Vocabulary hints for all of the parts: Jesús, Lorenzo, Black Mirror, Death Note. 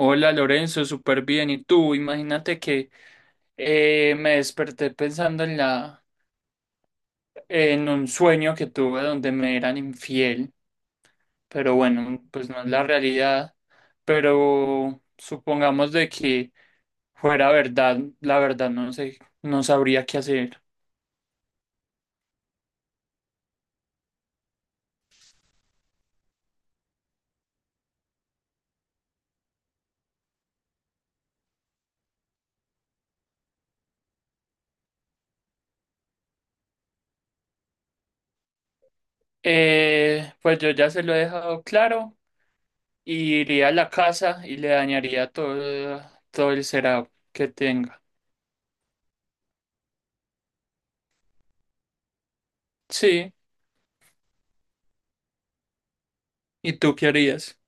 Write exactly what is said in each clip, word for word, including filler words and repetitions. Hola Lorenzo, súper bien. ¿Y tú? Imagínate que eh, me desperté pensando en la, en un sueño que tuve donde me eran infiel, pero bueno, pues no es la realidad. Pero supongamos de que fuera verdad, la verdad no sé, no sabría qué hacer. Eh, pues yo ya se lo he dejado claro y iría a la casa y le dañaría todo, todo el setup que tenga. Sí, ¿y tú qué harías?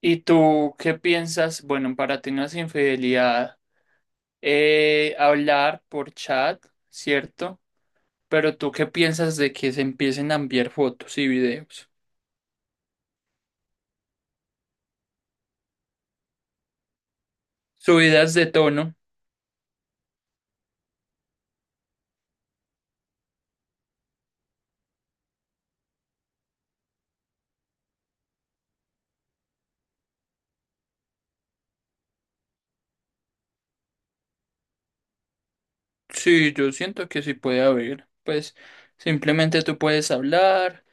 ¿Y tú qué piensas? Bueno, para ti no es infidelidad eh, hablar por chat, ¿cierto? Pero tú qué piensas de que se empiecen a enviar fotos y videos? Subidas de tono. Sí, yo siento que sí puede haber. Pues simplemente tú puedes hablar,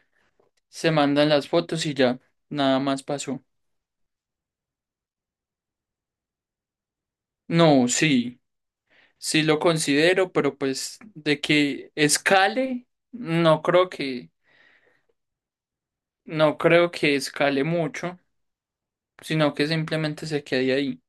se mandan las fotos y ya, nada más pasó. No, sí, sí lo considero, pero pues de que escale, no creo que, no creo que escale mucho, sino que simplemente se quede ahí.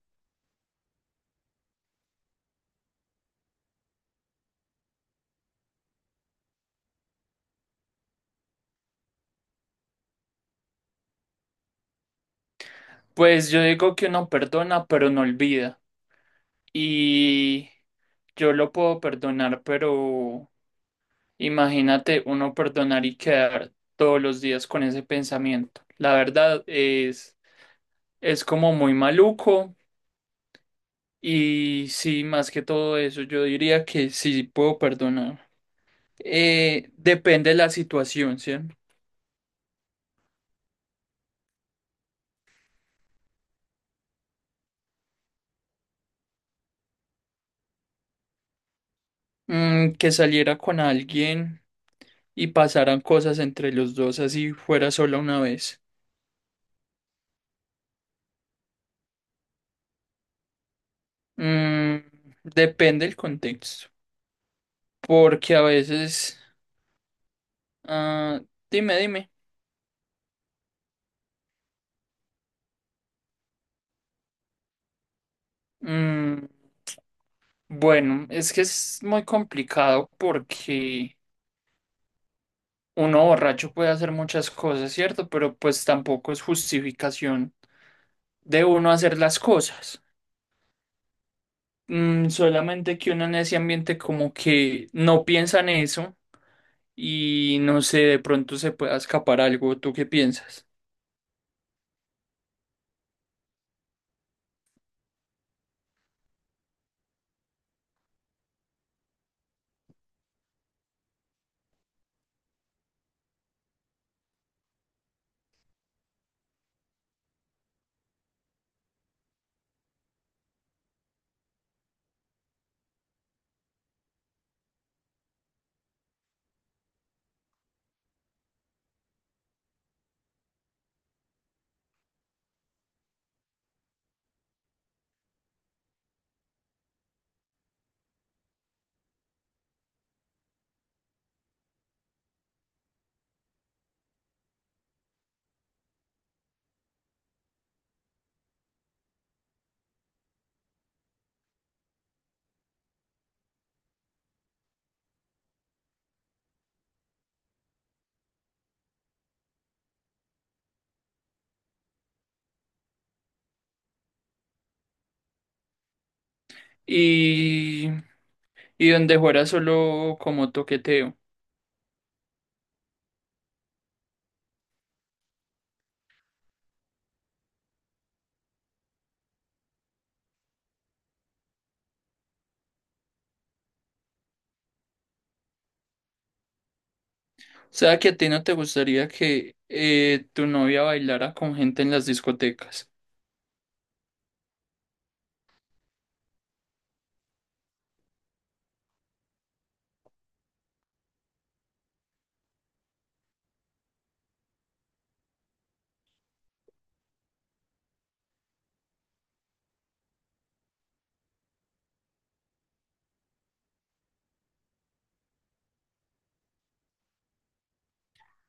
Pues yo digo que uno perdona, pero no olvida. Y yo lo puedo perdonar, pero imagínate uno perdonar y quedar todos los días con ese pensamiento. La verdad es, es como muy maluco. Y sí, más que todo eso, yo diría que sí puedo perdonar. Eh, depende de la situación, ¿sí? Mm, que saliera con alguien y pasaran cosas entre los dos, así fuera solo una vez. Mm, depende del contexto, porque a veces, ah, dime, dime. Mm, bueno, es que es muy complicado porque uno borracho puede hacer muchas cosas, ¿cierto? Pero pues tampoco es justificación de uno hacer las cosas. Mm, solamente que uno en ese ambiente como que no piensa en eso y no sé, de pronto se pueda escapar algo. ¿Tú qué piensas? Y, y donde fuera solo como toqueteo. O sea, que a ti no te gustaría que eh, tu novia bailara con gente en las discotecas.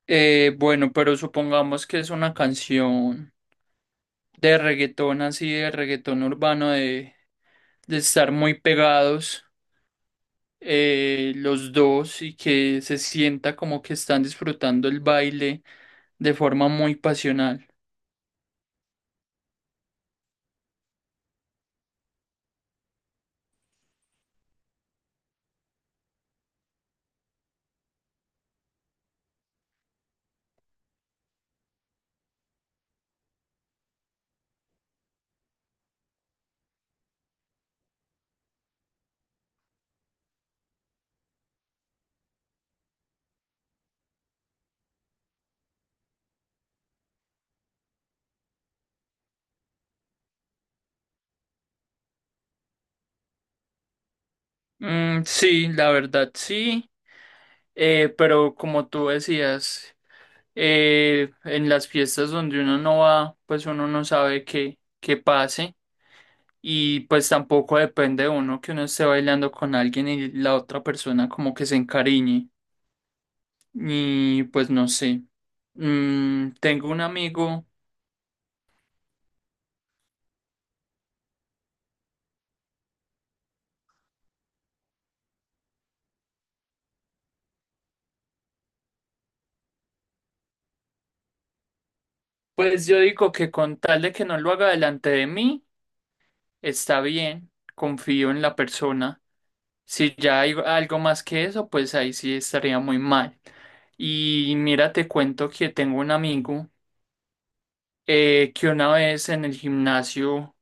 Eh, bueno, pero supongamos que es una canción de reggaetón así, de reggaetón urbano, de, de estar muy pegados eh, los dos y que se sienta como que están disfrutando el baile, de forma muy pasional. Mm, sí, la verdad sí, eh, pero como tú decías, eh, en las fiestas donde uno no va, pues uno no sabe qué, qué pase y pues tampoco depende de uno que uno esté bailando con alguien y la otra persona como que se encariñe y pues no sé. Mm, tengo un amigo. Pues yo digo que con tal de que no lo haga delante de mí, está bien, confío en la persona. Si ya hay algo más que eso, pues ahí sí estaría muy mal. Y mira, te cuento que tengo un amigo eh, que una vez en el gimnasio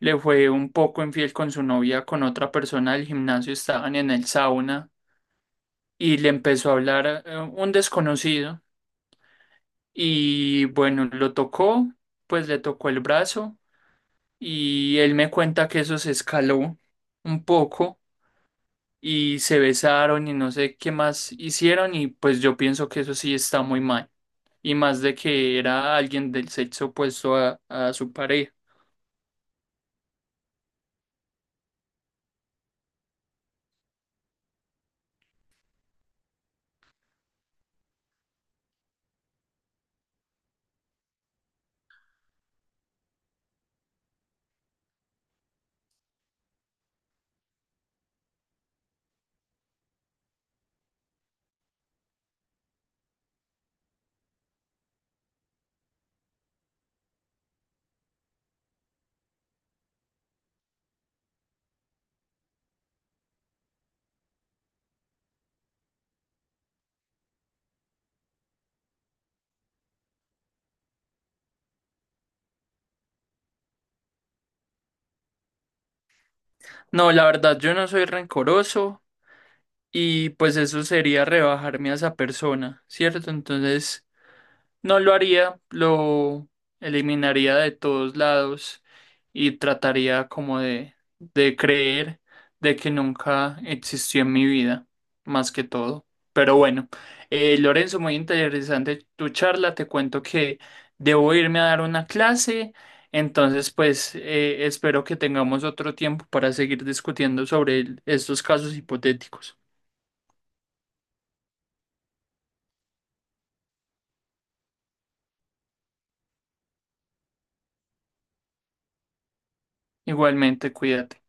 le fue un poco infiel con su novia, con otra persona del gimnasio. Estaban en el sauna y le empezó a hablar eh, un desconocido y bueno, lo tocó, pues le tocó el brazo y él me cuenta que eso se escaló un poco y se besaron y no sé qué más hicieron y pues yo pienso que eso sí está muy mal y más de que era alguien del sexo opuesto a, a su pareja. No, la verdad yo no soy rencoroso y pues eso sería rebajarme a esa persona, ¿cierto? Entonces no lo haría, lo eliminaría de todos lados y trataría como de, de creer de que nunca existió en mi vida, más que todo. Pero bueno, eh, Lorenzo, muy interesante tu charla. Te cuento que debo irme a dar una clase, entonces pues eh, espero que tengamos otro tiempo para seguir discutiendo sobre el- estos casos hipotéticos. Igualmente, cuídate.